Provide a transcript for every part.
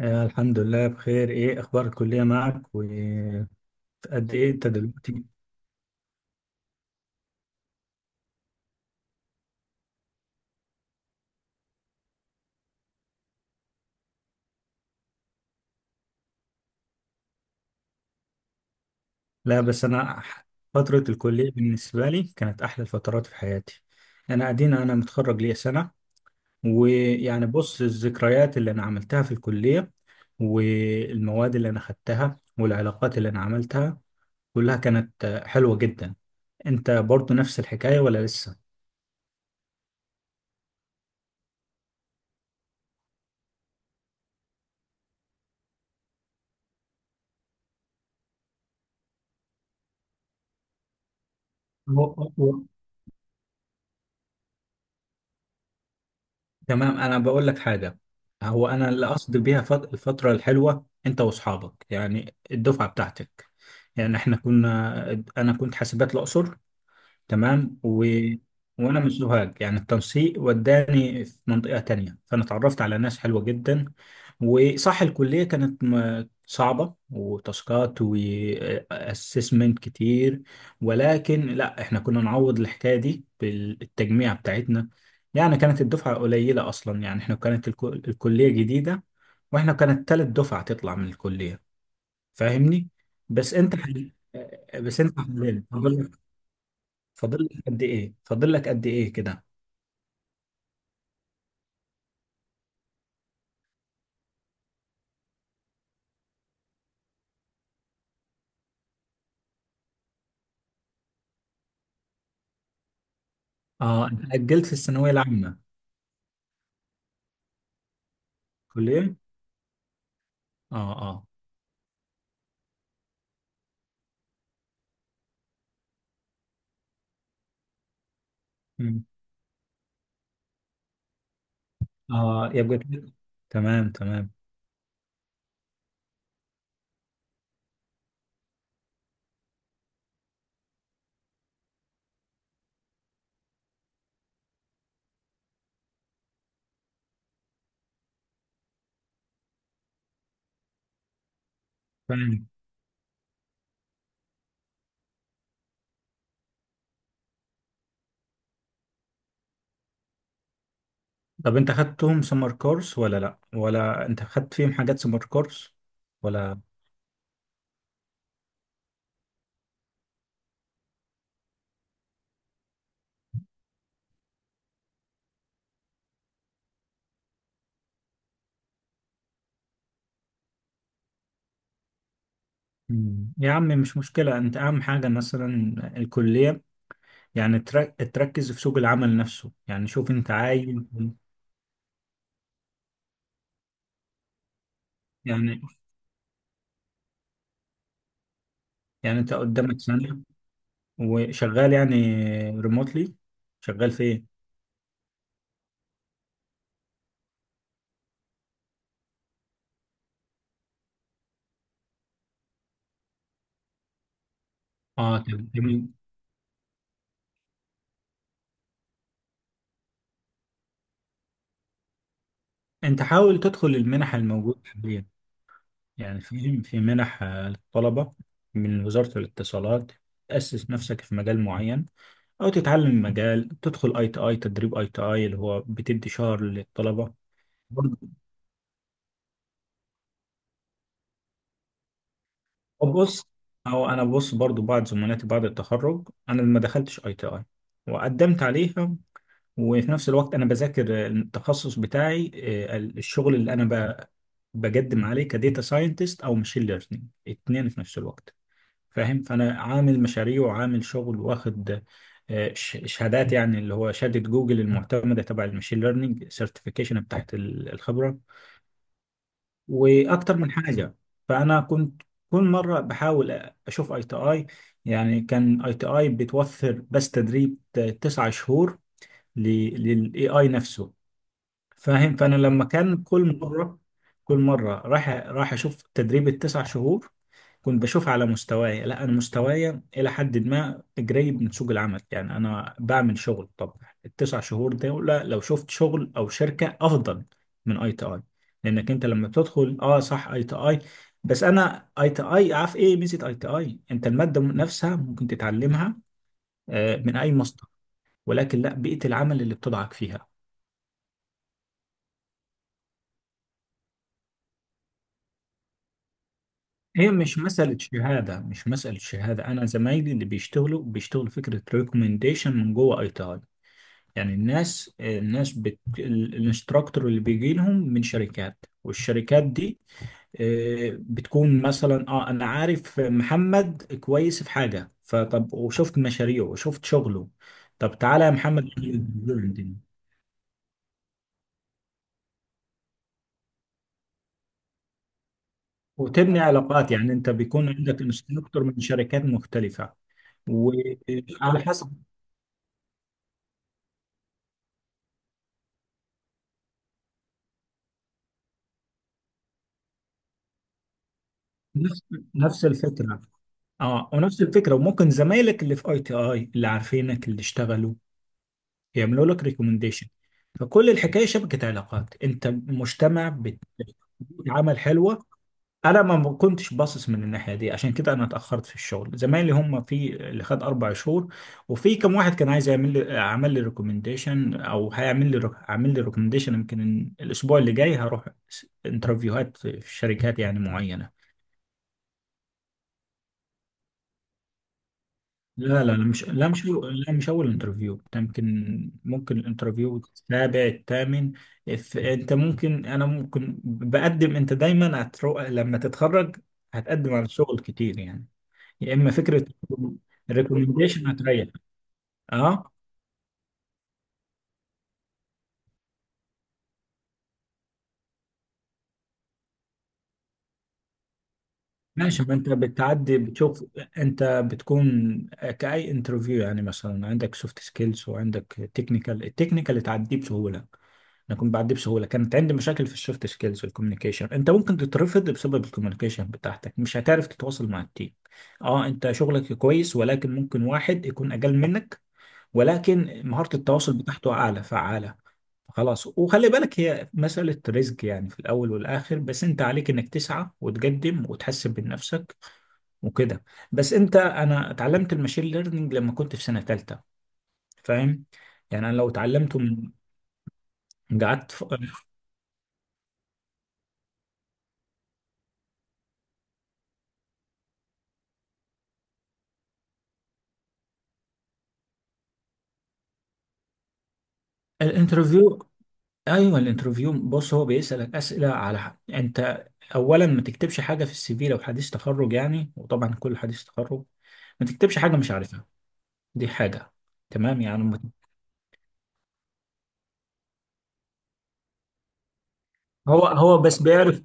آه، الحمد لله بخير. ايه اخبار الكليه معك وقد؟ ايه انت دلوقتي؟ لا بس انا فتره الكليه بالنسبه لي كانت احلى الفترات في حياتي. انا ادينا انا متخرج ليا سنه. ويعني بص، الذكريات اللي انا عملتها في الكليه والمواد اللي انا خدتها والعلاقات اللي انا عملتها كلها كانت حلوة جدا. انت برضو نفس الحكاية ولا لسه؟ تمام، انا بقول لك حاجه. هو انا اللي اقصد بيها الفتره الحلوه انت واصحابك، يعني الدفعه بتاعتك. يعني احنا كنا، انا كنت حاسبات الاقصر. تمام و... وانا من سوهاج، يعني التنسيق وداني في منطقة تانية، فانا اتعرفت على ناس حلوة جدا. وصح الكلية كانت صعبة وتاسكات واسسمنت كتير، ولكن لا احنا كنا نعوض الحكاية دي بالتجميع بتاعتنا. يعني كانت الدفعة قليلة اصلا، يعني احنا كانت الكلية جديدة، واحنا كانت تالت دفعة تطلع من الكلية، فاهمني؟ بس انت حل... بس انت حللت، فاضل لك قد ايه؟ فاضل لك قد ايه كده؟ اه، انت اجلت في الثانويه العامه؟ كليه. اه، اه. مم. اه، يبقى كده. تمام، تمام. تمام، طب انت خدتهم سمر كورس ولا لا، ولا انت خدت فيهم حاجات سمر كورس ولا؟ مم. يا عم مش مشكله، انت اهم حاجه مثلا الكليه، يعني تركز في سوق العمل نفسه. يعني شوف انت عايز يعني، يعني انت قدامك سنه وشغال، يعني ريموتلي. شغال فين؟ اه، تمام. انت حاول تدخل المنح الموجودة حاليا، يعني في منح للطلبة من وزارة الاتصالات. تأسس نفسك في مجال معين، أو تتعلم مجال، تدخل اي تي اي، تدريب اي تي اي اللي هو بتدي شهر للطلبة. برضه بص، أو أنا بص برضو بعض زملاتي بعد التخرج، أنا ما دخلتش اي تي اي، وقدمت عليها، وفي نفس الوقت أنا بذاكر التخصص بتاعي. الشغل اللي أنا بقدم عليه كديتا ساينتست أو ماشين ليرنينج، اتنين في نفس الوقت، فاهم؟ فانا عامل مشاريع وعامل شغل واخد شهادات، يعني اللي هو شهاده جوجل المعتمده تبع المشين ليرنينج سيرتيفيكيشن بتاعت الخبره واكتر من حاجه. فانا كنت كل مره بحاول اشوف اي تي اي. يعني كان اي تي اي بتوفر بس تدريب تسعة شهور للاي اي نفسه، فاهم؟ فانا لما كان كل مره، راح اشوف تدريب التسع شهور، كنت بشوفها على مستواي. لا انا مستواي الى حد ما قريب من سوق العمل، يعني انا بعمل شغل. طب التسع شهور دول لو شفت شغل او شركه افضل من اي تي اي، لانك انت لما بتدخل اه صح اي تي اي، بس انا اي تي اي عارف ايه ميزه اي تي اي؟ انت الماده نفسها ممكن تتعلمها من اي مصدر، ولكن لا بيئه العمل اللي بتضعك فيها. هي مش مسألة شهادة، أنا زمايلي اللي بيشتغلوا بيشتغلوا فكرة ريكومنديشن من جوه أي تي آي. يعني الناس الانستراكتور اللي بيجي لهم من شركات، والشركات دي بتكون مثلا اه انا عارف محمد كويس في حاجة، فطب وشفت مشاريعه وشفت شغله، طب تعالى يا محمد عندنا. وتبني علاقات، يعني انت بيكون عندك انستراكتور من شركات مختلفة، وعلى حسب. نفس نفس الفكرة. اه ونفس الفكرة. وممكن زمايلك اللي في اي تي اي اللي عارفينك اللي اشتغلوا يعملوا لك ريكومنديشن. فكل الحكايه شبكه علاقات، انت مجتمع بتديك عمل حلوه. انا ما كنتش باصص من الناحيه دي، عشان كده انا اتاخرت في الشغل، زمايلي هم في اللي خد اربع شهور. وفي كم واحد كان عايز يعمل لي، عمل لي ريكومنديشن، او هيعمل لي عامل لي ريكومنديشن. يمكن الاسبوع اللي جاي هروح انترفيوهات في شركات يعني معينه. لا لا لا مش لا مش لا مش اول انترفيو، يمكن ممكن الانترفيو السابع الثامن. انت ممكن، انا ممكن بقدم، انت دايما هترو... لما تتخرج هتقدم على شغل كتير يعني، يا اما فكره ريكومنديشن هتريح. اه ماشي، ما انت بتعدي بتشوف. انت بتكون كأي انترفيو، يعني مثلا عندك سوفت سكيلز وعندك تكنيكال. التكنيكال تعديه بسهوله، انا كنت بعدي بسهوله. كانت عندي مشاكل في السوفت سكيلز والكوميونيكيشن. انت ممكن تترفض بسبب الكوميونيكيشن بتاعتك، مش هتعرف تتواصل مع التيم. اه انت شغلك كويس، ولكن ممكن واحد يكون اقل منك ولكن مهاره التواصل بتاعته اعلى فعاله. خلاص، وخلي بالك هي مسألة رزق يعني، في الأول والآخر، بس أنت عليك إنك تسعى وتقدم وتحسن من نفسك وكده. بس أنت، أنا اتعلمت الماشين ليرنينج لما كنت في سنة تالتة، فاهم؟ يعني أنا لو اتعلمته من، قعدت ف-. الانترفيو، ايوه الانترفيو، بص هو بيسالك اسئله على حق. انت اولا ما تكتبش حاجه في السي في لو حديث تخرج يعني، وطبعا كل حديث تخرج ما تكتبش حاجه مش عارفها. دي حاجه. تمام يعني ما-. هو هو بس بيعرف.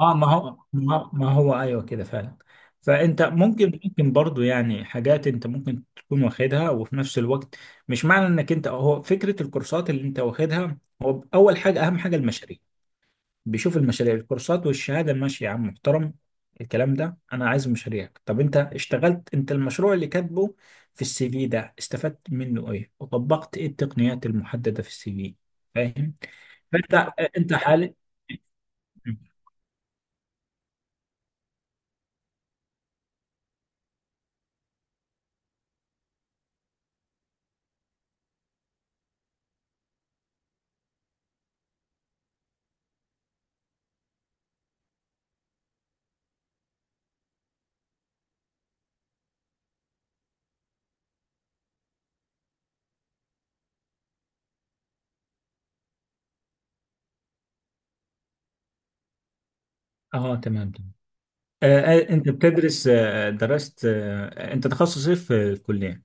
اه، ما هو، ايوه كده فعلا. فانت ممكن، ممكن برضو يعني حاجات انت ممكن تكون واخدها، وفي نفس الوقت مش معنى انك انت، هو فكره الكورسات اللي انت واخدها، هو اول حاجه اهم حاجه المشاريع. بيشوف المشاريع. الكورسات والشهاده ماشي يا عم، محترم الكلام ده، انا عايز مشاريعك. طب انت اشتغلت، انت المشروع اللي كاتبه في السي في ده استفدت منه ايه، وطبقت ايه التقنيات المحدده في السي في، فاهم؟ فانت، انت حالي. اه تمام تمام. انت بتدرس، آه درست، آه انت تخصص ايه في الكليه؟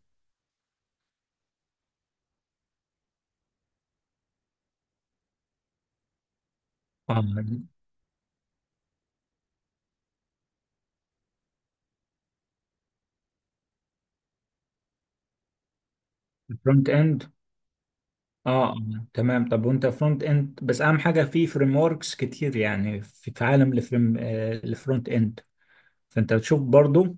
اه فرونت اند. اه تمام. طب وانت فرونت اند بس، اهم حاجه في فريم وركس كتير، يعني في عالم الفريم، الفرونت اند. فانت بتشوف برضو،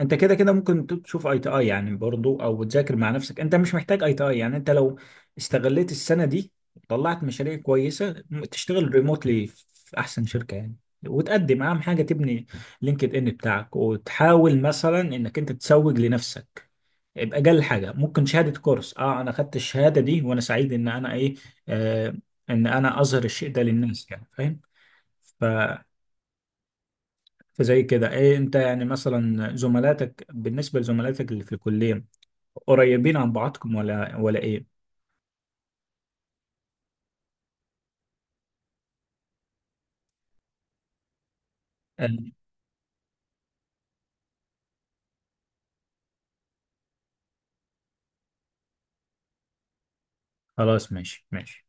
انت كده كده ممكن تشوف اي تي اي يعني برضو، او تذاكر مع نفسك، انت مش محتاج اي تي اي يعني. انت لو استغليت السنه دي طلعت مشاريع كويسه، تشتغل ريموتلي في احسن شركه يعني. وتقدم، اهم حاجه تبني لينكد ان بتاعك، وتحاول مثلا انك انت تسوق لنفسك باجل حاجه. ممكن شهاده كورس، اه انا خدت الشهاده دي وانا سعيد ان انا ايه، آه، ان انا اظهر الشيء ده للناس يعني، فاهم؟ فزي كده ايه انت، يعني مثلا زملاتك، بالنسبة لزملاتك اللي في الكلية، قريبين عن بعضكم ولا ايه؟ قال لي، خلاص ماشي ماشي.